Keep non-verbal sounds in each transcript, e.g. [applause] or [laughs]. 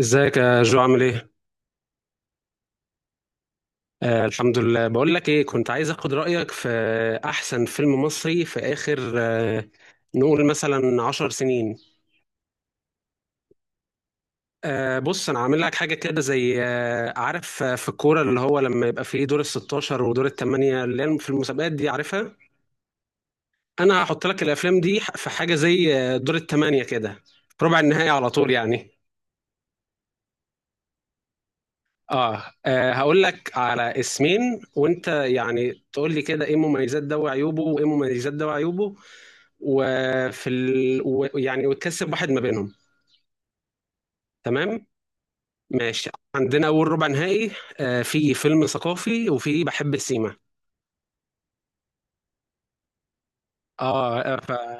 ازيك يا جو، عامل ايه؟ الحمد لله. بقول لك ايه، كنت عايز اخد رأيك في احسن فيلم مصري في اخر نقول مثلا 10 سنين. بص، انا عامل لك حاجة كده زي عارف في الكورة، اللي هو لما يبقى فيه دور ال 16 ودور الثمانية اللي هي في المسابقات دي، عارفها. انا هحط لك الافلام دي في حاجة زي دور الثمانية كده، في ربع النهائي على طول يعني. هقول لك على اسمين، وانت يعني تقول لي كده ايه مميزات ده وعيوبه، وايه مميزات ده وعيوبه. يعني وتكسب واحد ما بينهم. تمام. ماشي. عندنا اول ربع نهائي، في فيلم ثقافي وفي بحب السيما. اه،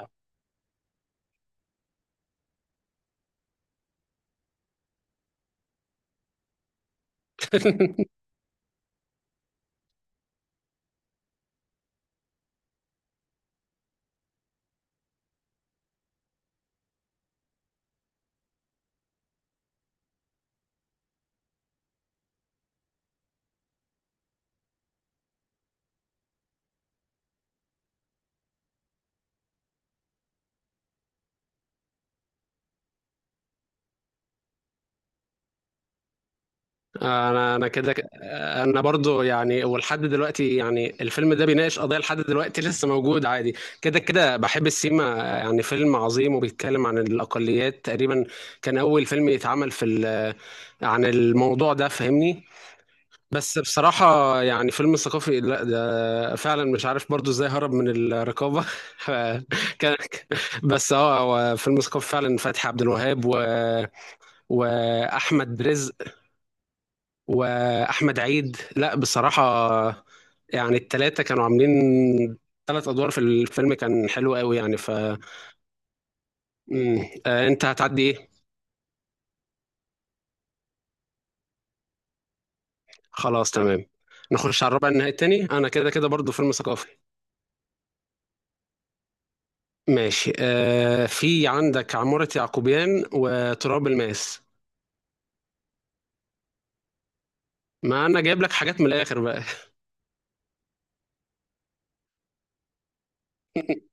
انا كده انا برضو يعني، ولحد دلوقتي يعني الفيلم ده بيناقش قضيه لحد دلوقتي [laughs] لسه موجود عادي. كده كده بحب السيما يعني فيلم عظيم، وبيتكلم عن الاقليات تقريبا. كان اول فيلم يتعمل عن الموضوع ده، فاهمني؟ بس بصراحه يعني فيلم ثقافي، لا ده فعلا مش عارف برضو ازاي هرب من الرقابه. [laughs] كان، بس اه هو فيلم ثقافي فعلا. فتحي عبد الوهاب واحمد رزق واحمد عيد، لا بصراحه يعني التلاتة كانوا عاملين 3 ادوار في الفيلم، كان حلو قوي يعني ف مم. انت هتعدي ايه؟ خلاص تمام. نخش على الربع النهائي التاني، انا كده كده برضو فيلم ثقافي. ماشي، في عندك عمارة يعقوبيان وتراب الماس. ما انا جايب لك حاجات من الاخر بقى. [laughs]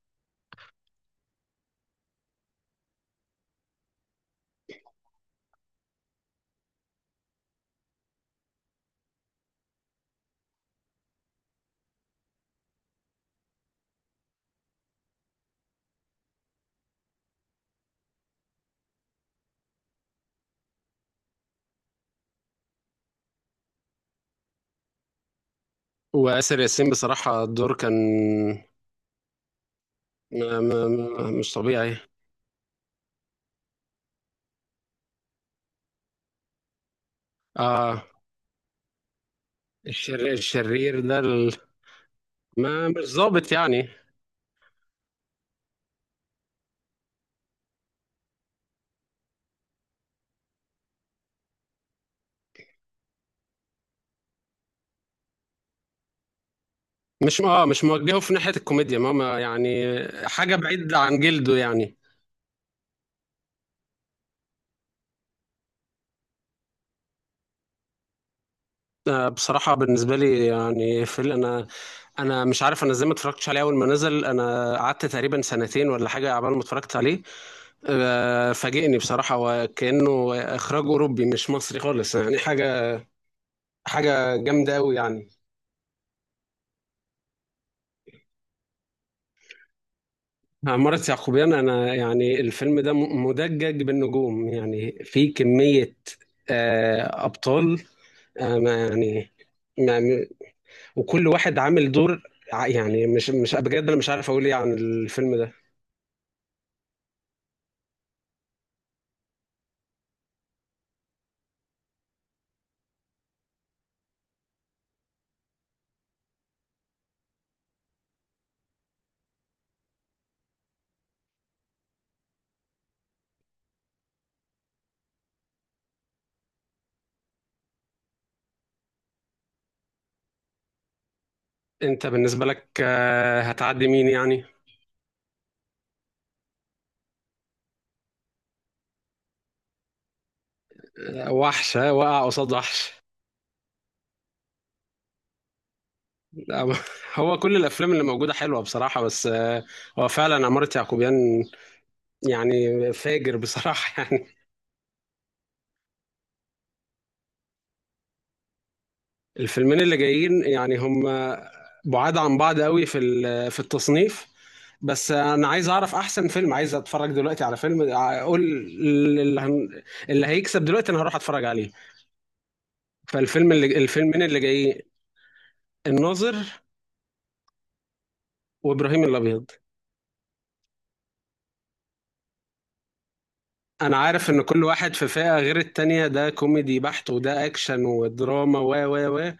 وآسر ياسين بصراحة الدور كان ما ما ما مش طبيعي. اه، الشرير الشرير ده ما مش ظابط يعني. مش موجهه في ناحية الكوميديا ماما يعني، حاجة بعيد عن جلده يعني. بصراحة بالنسبة لي يعني انا، انا مش عارف انا ازاي ما اتفرجتش عليه اول ما نزل، انا قعدت تقريبا سنتين ولا حاجة عبال ما اتفرجت عليه. فاجئني بصراحة، وكأنه اخراج اوروبي مش مصري خالص يعني، حاجة حاجة جامدة قوي يعني. عمارة يعقوبيان، انا يعني الفيلم ده مدجج بالنجوم، يعني في كمية ابطال ما يعني. وكل واحد عامل دور، يعني مش بجد، انا مش عارف اقول ايه عن الفيلم ده. انت بالنسبه لك هتعدي مين يعني؟ وحشه وقع قصاد وحش. لا، [laughs] هو كل الافلام اللي موجوده حلوه بصراحه، بس هو فعلا عمارة يعقوبيان يعني فاجر بصراحه [laughs] يعني. الفيلمين اللي جايين يعني هم بعاد عن بعض قوي في التصنيف. بس انا عايز اعرف احسن فيلم، عايز اتفرج دلوقتي على فيلم اقول اللي هن- اللي هيكسب دلوقتي انا هروح اتفرج عليه. فالفيلم اللي الفيلمين اللي جايين: الناظر وابراهيم الابيض. انا عارف ان كل واحد في فئة غير التانية، ده كوميدي بحت وده اكشن ودراما و و و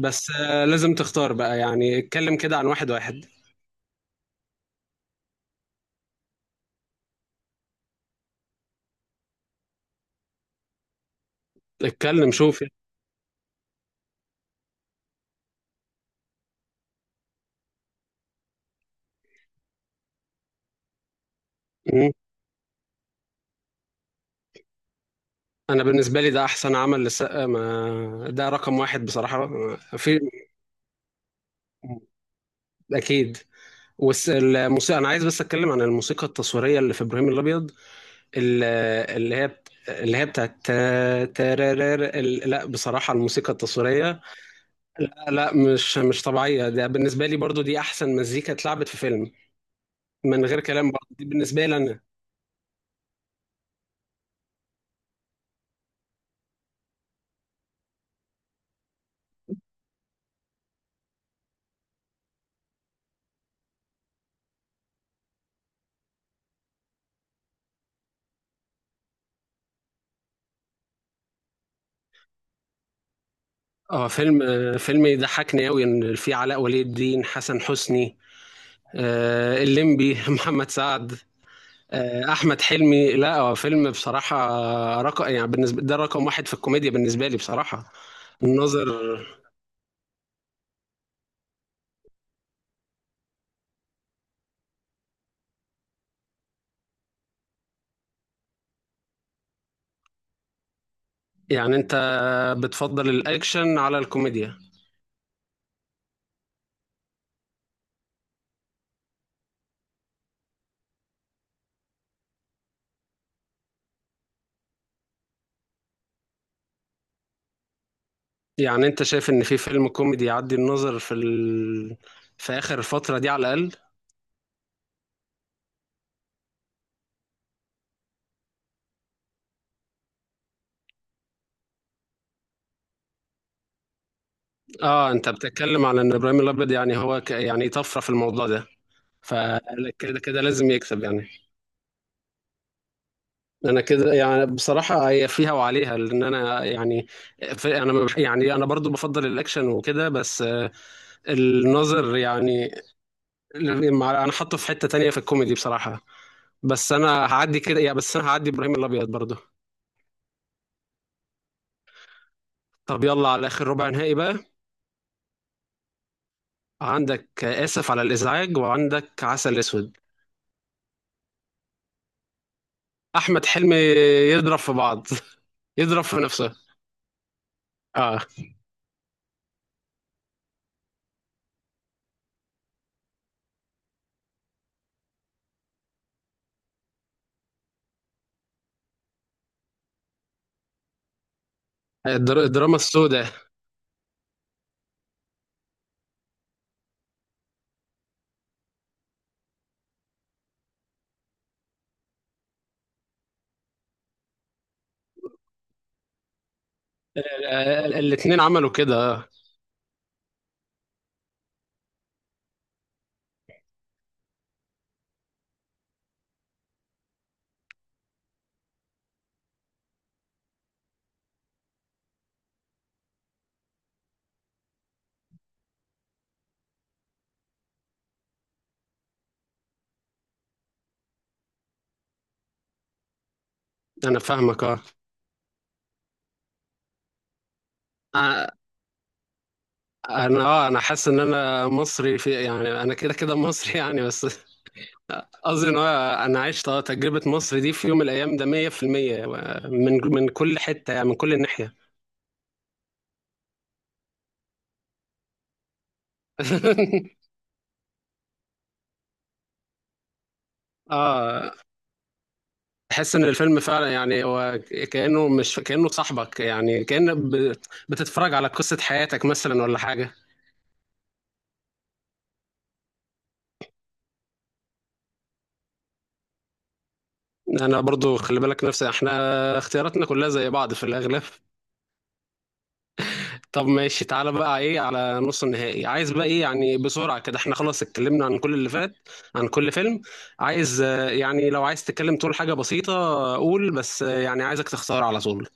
بس لازم تختار بقى، يعني اتكلم كده عن واحد واحد. اتكلم شوف يعني. مم. انا بالنسبة لي ده احسن عمل للسقا، ما ده رقم واحد بصراحة في. اكيد. والموسيقى، انا عايز بس اتكلم عن الموسيقى التصويرية اللي في ابراهيم الابيض، ال- اللي هي بتاعت تا- تارارار ال- لا بصراحة الموسيقى التصويرية، لا مش طبيعية، ده بالنسبة لي برضو دي أحسن مزيكا اتلعبت في فيلم، من غير كلام برضو دي بالنسبة لي أنا. اه فيلم فيلم يضحكني أوي، إن في علاء ولي الدين، حسن حسني، الليمبي [laughs] محمد سعد، أحمد حلمي. لا هو فيلم بصراحة رقم يعني بالنسبة ده رقم واحد في الكوميديا بالنسبة لي بصراحة، الناظر. يعني انت بتفضل الاكشن على الكوميديا؟ يعني انت شايف ان في فيلم كوميدي يعدي النظر في اخر الفترة دي على الاقل؟ اه، انت بتتكلم على ان ابراهيم الابيض يعني هو يعني طفرة في الموضوع ده. فكده كده لازم يكسب يعني. انا كده يعني بصراحة هي فيها وعليها، لان انا يعني في... انا ما بح- يعني انا برضو بفضل الاكشن وكده، بس النظر يعني انا حاطه في حتة تانية في الكوميدي بصراحة. بس انا هعدي كده يا بس انا هعدي ابراهيم الابيض برضه. طب يلا على اخر ربع نهائي بقى. عندك اسف على الازعاج، وعندك عسل اسود. احمد حلمي يضرب في بعض [laughs] يضرب في نفسه. اه، الدراما السوداء. الاتنين عملوا كده انا فاهمك اه. آه، انا اه انا حاسس ان انا مصري في يعني انا كده كده مصري [laughs] يعني، بس قصدي ان هو انا عشت تجربة مصر دي في يوم من الايام ده 100%، من من كل حتة يعني من كل ناحية. [laughs] اه، تحس ان الفيلم فعلا يعني هو كانه مش كانه صاحبك يعني، كان بتتفرج على قصه حياتك مثلا ولا حاجه. انا برضو خلي بالك، نفسي احنا اختياراتنا كلها زي بعض في الاغلب. طب ماشي، تعالى بقى ايه على نص النهائي. عايز بقى ايه يعني، بسرعه كده، احنا خلاص اتكلمنا عن كل اللي فات، عن كل فيلم. عايز يعني لو عايز تتكلم تقول حاجه بسيطه، قول، بس يعني عايزك تختار على طول.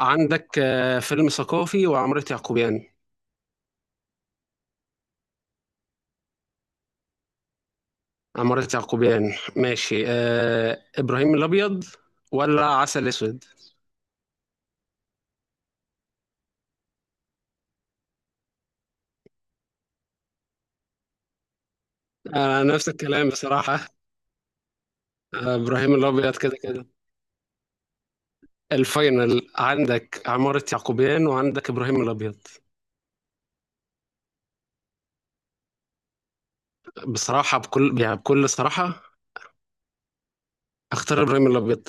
عندك فيلم ثقافي وعمارة يعقوبيان. عمارة يعقوبيان ماشي. إبراهيم الأبيض ولا عسل أسود؟ نفس الكلام بصراحة، إبراهيم الأبيض كده كده. الفاينل، عندك عمارة يعقوبيان وعندك إبراهيم الأبيض. بصراحة بكل يعني بكل صراحة أختار إبراهيم الأبيض.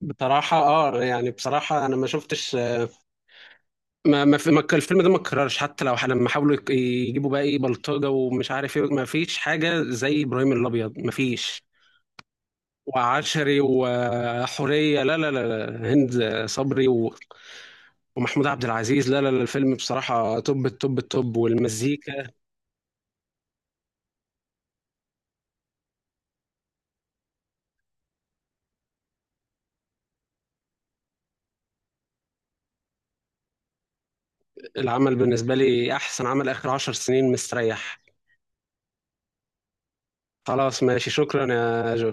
بصراحة اه يعني بصراحة انا ما شفتش ما ما, في ما كان الفيلم ده ما اتكررش، حتى لو لما حاولوا يجيبوا بقى ايه بلطجة ومش عارف ايه، ما فيش حاجة زي ابراهيم الابيض، ما فيش. وعشري وحورية، لا لا لا لا، هند صبري ومحمود عبد العزيز، لا لا لا، الفيلم بصراحة توب التوب التوب، والمزيكا. العمل بالنسبة لي أحسن عمل آخر 10 سنين مستريح. خلاص ماشي، شكرا يا جو.